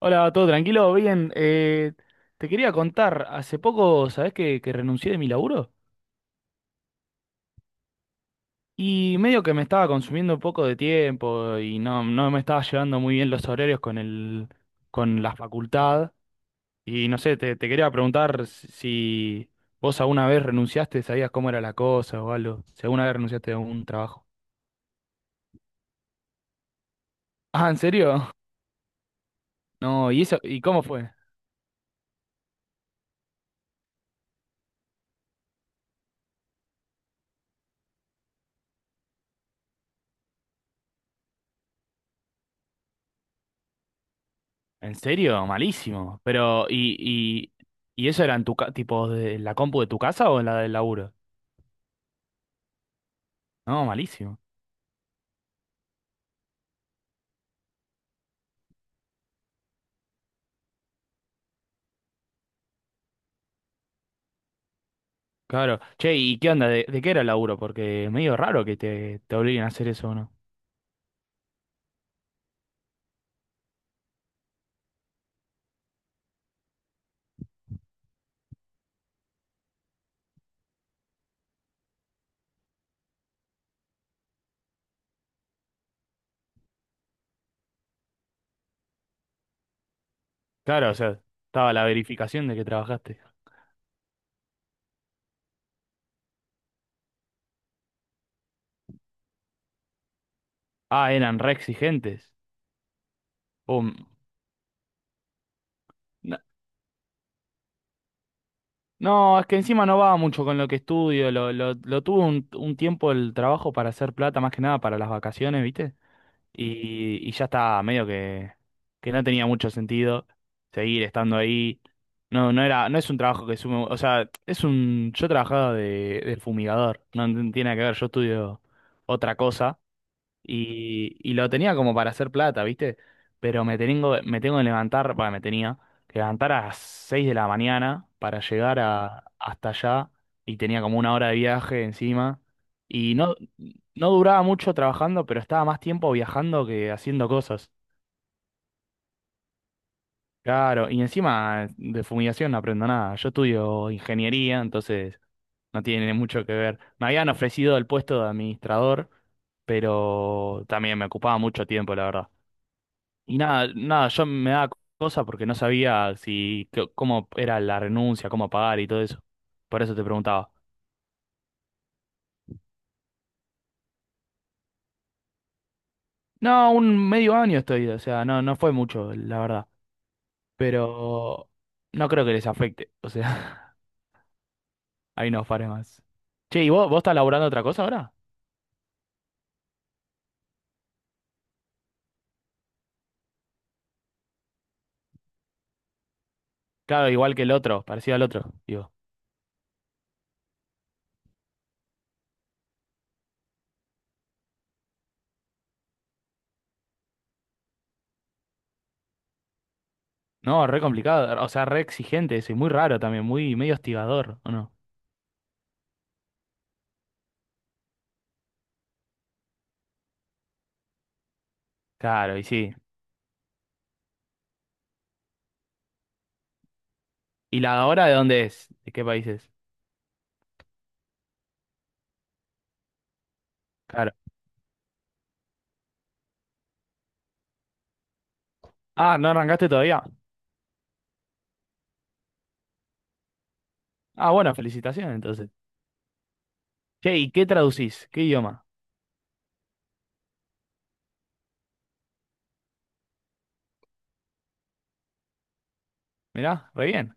Hola, ¿todo tranquilo? Bien, te quería contar, hace poco, ¿sabés que renuncié de mi laburo? Y medio que me estaba consumiendo un poco de tiempo y no, no me estaba llevando muy bien los horarios con la facultad. Y no sé, te quería preguntar si si vos alguna vez renunciaste, sabías cómo era la cosa o algo, si alguna vez renunciaste a un trabajo. Ah, ¿en serio? No, ¿y eso? ¿Y cómo fue? ¿En serio? Malísimo. Pero, ¿y, y eso era en tu tipo de la compu de tu casa o en la del laburo? No, malísimo. Claro. Che, ¿y qué onda? ¿De qué era el laburo? Porque es medio raro que te obliguen a hacer eso o no. Claro, o sea, estaba la verificación de que trabajaste. Ah, eran re exigentes. Um, no, no, es que encima no va mucho con lo que estudio. Lo tuve un tiempo el trabajo para hacer plata, más que nada para las vacaciones, ¿viste? Y ya estaba medio que, no tenía mucho sentido seguir estando ahí. No, no era, no es un trabajo que sume, o sea, es un, yo trabajaba de fumigador, no, no tiene nada que ver, yo estudio otra cosa y lo tenía como para hacer plata, ¿viste? Pero me tengo que levantar, bueno, me tenía que levantar a las 6 de la mañana para llegar hasta allá y tenía como una hora de viaje encima. Y no, no duraba mucho trabajando, pero estaba más tiempo viajando que haciendo cosas. Claro, y encima de fumigación no aprendo nada. Yo estudio ingeniería, entonces no tiene mucho que ver. Me habían ofrecido el puesto de administrador, pero también me ocupaba mucho tiempo, la verdad. Y nada, nada, yo me daba cosa porque no sabía si cómo era la renuncia, cómo pagar y todo eso. Por eso te preguntaba. No, un medio año estoy, o sea, no, no fue mucho, la verdad. Pero no creo que les afecte. O sea, ahí no faré más. Che, ¿y vos, estás laburando otra cosa ahora? Claro, igual que el otro, parecido al otro, digo. No, re complicado, o sea, re exigente eso, y muy raro también, muy medio hostigador, ¿o no? Claro, y sí. ¿Y la hora de dónde es? ¿De qué país es? Claro. Ah, ¿no arrancaste todavía? Ah, bueno, felicitaciones entonces. Che, ¿y qué traducís? ¿Qué idioma? Mirá, re bien.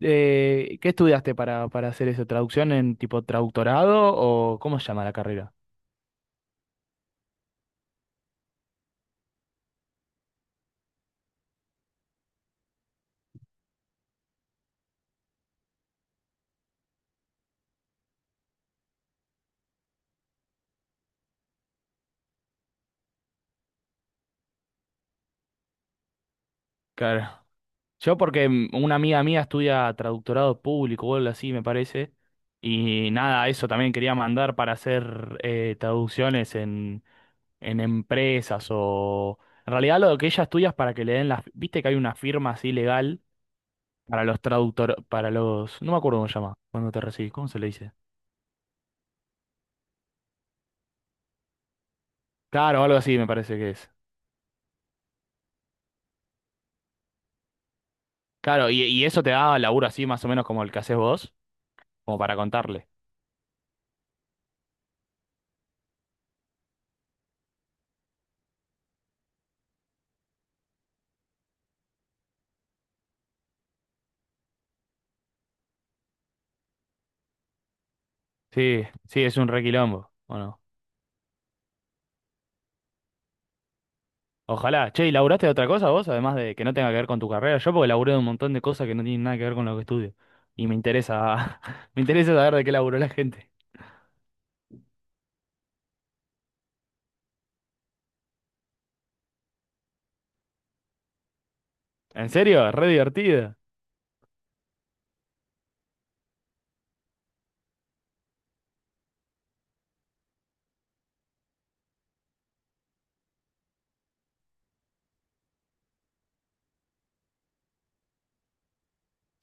¿Qué estudiaste para hacer eso? ¿Traducción en tipo traductorado o cómo se llama la carrera? Claro. Yo porque una amiga mía estudia traductorado público o algo así, me parece. Y nada, eso también quería mandar para hacer traducciones en empresas o... En realidad lo que ella estudia es para que le den las... Viste que hay una firma así legal para los traductor... para los... No me acuerdo cómo se llama. Cuando te recibís, ¿cómo se le dice? Claro, algo así me parece que es. Claro, y eso te da laburo así más o menos como el que haces vos, como para contarle. Sí, sí, es un requilombo, ¿o no? Ojalá. Che, ¿y laburaste de otra cosa vos? Además de que no tenga que ver con tu carrera. Yo porque laburé de un montón de cosas que no tienen nada que ver con lo que estudio. Y me interesa, me interesa saber de qué laburó la gente. ¿En serio? Re divertido.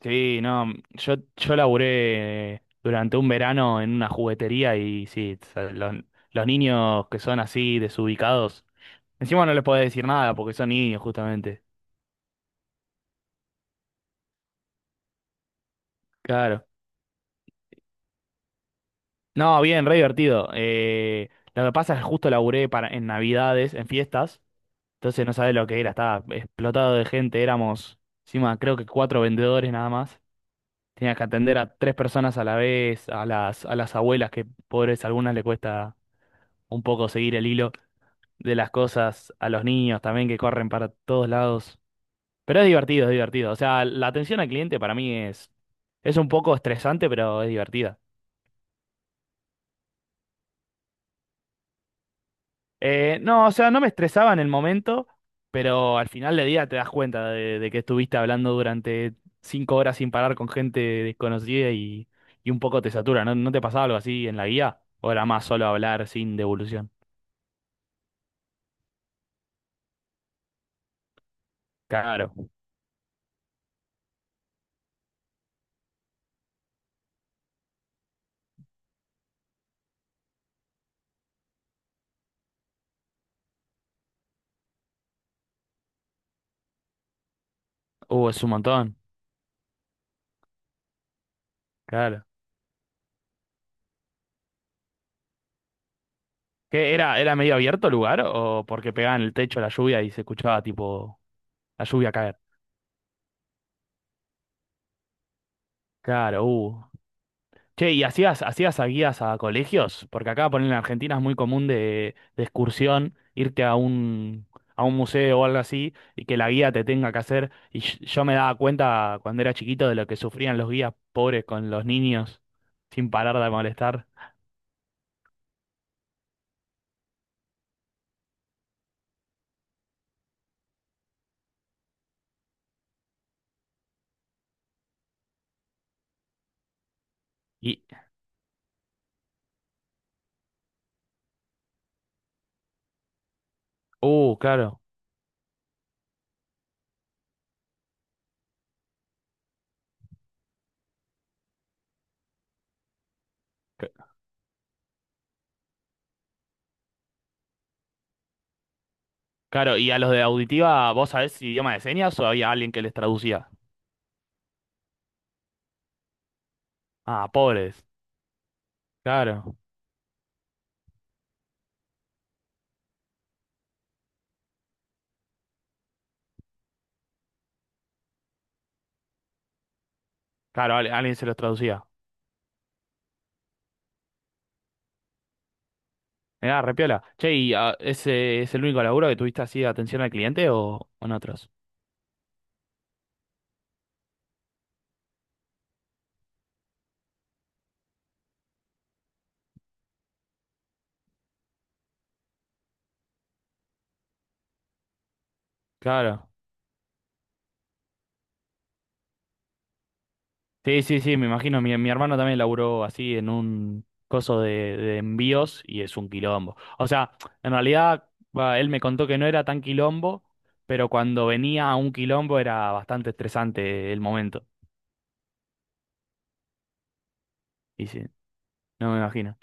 Sí, no, yo laburé durante un verano en una juguetería y sí, o sea, los niños que son así desubicados, encima no les puedo decir nada porque son niños justamente. Claro. No, bien, re divertido. Lo que pasa es que justo laburé en Navidades, en fiestas. Entonces no sabés lo que era, estaba explotado de gente, éramos encima creo que cuatro vendedores nada más. Tenías que atender a tres personas a la vez, a las abuelas que pobres, a algunas le cuesta un poco seguir el hilo de las cosas, a los niños también que corren para todos lados. Pero es divertido, es divertido. O sea, la atención al cliente para mí es un poco estresante, pero es divertida. No, o sea, no me estresaba en el momento, pero al final del día te das cuenta de que estuviste hablando durante 5 horas sin parar con gente desconocida y un poco te satura. ¿No, no te pasaba algo así en la guía? ¿O era más solo hablar sin devolución? Claro. Es un montón. Claro. ¿Qué era? ¿Era medio abierto el lugar o porque pegaban el techo la lluvia y se escuchaba tipo la lluvia caer? Claro, Che, ¿y hacías a guías a colegios? Porque acá, por en Argentina es muy común de excursión irte a a un museo o algo así y que la guía te tenga que hacer. Y yo me daba cuenta cuando era chiquito de lo que sufrían los guías pobres con los niños sin parar de molestar. Y, claro. c- Claro, ¿y a los de auditiva vos sabés si idioma de señas o había alguien que les traducía? Ah, pobres. Claro, claro, alguien se los traducía. Mirá, repiola. Che, ¿y ese es el único laburo que tuviste así de atención al cliente o en otros? Claro. Sí, sí, sí, me imagino. Mi hermano también laburó así en un coso de envíos y es un quilombo. O sea, en realidad, va, él me contó que no era tan quilombo, pero cuando venía a un quilombo era bastante estresante el momento. Y sí, no me imagino.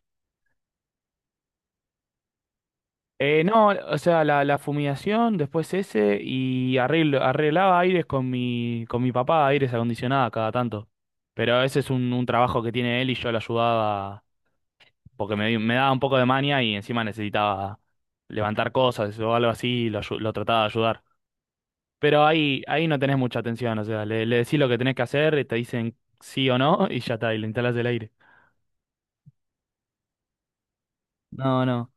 No, o sea, la fumigación, después ese, y arreglaba aires con mi papá, aires acondicionados cada tanto. Pero ese es un trabajo que tiene él y yo lo ayudaba porque me daba un poco de mania y encima necesitaba levantar cosas o algo así, y lo trataba de ayudar. Pero ahí no tenés mucha atención, o sea, le decís lo que tenés que hacer, te dicen sí o no y ya está, y le instalás el aire. No, no,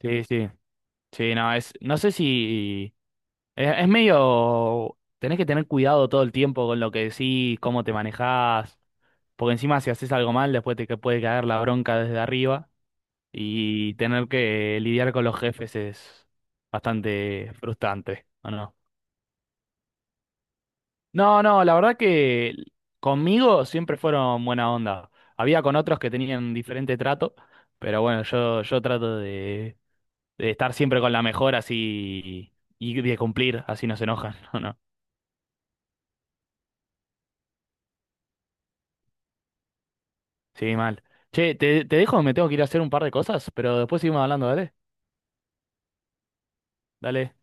sí, sí. Sí, no, no sé si... es medio... Tenés que tener cuidado todo el tiempo con lo que decís, cómo te manejás, porque encima si haces algo mal, después te que puede caer la bronca desde arriba y tener que lidiar con los jefes es bastante frustrante, ¿o no? No, no, la verdad que conmigo siempre fueron buena onda. Había con otros que tenían diferente trato, pero bueno, yo trato de estar siempre con la mejor así y de cumplir, así no se enojan, o no. Sí, mal. Che, te dejo, me tengo que ir a hacer un par de cosas, pero después seguimos hablando, dale. Dale.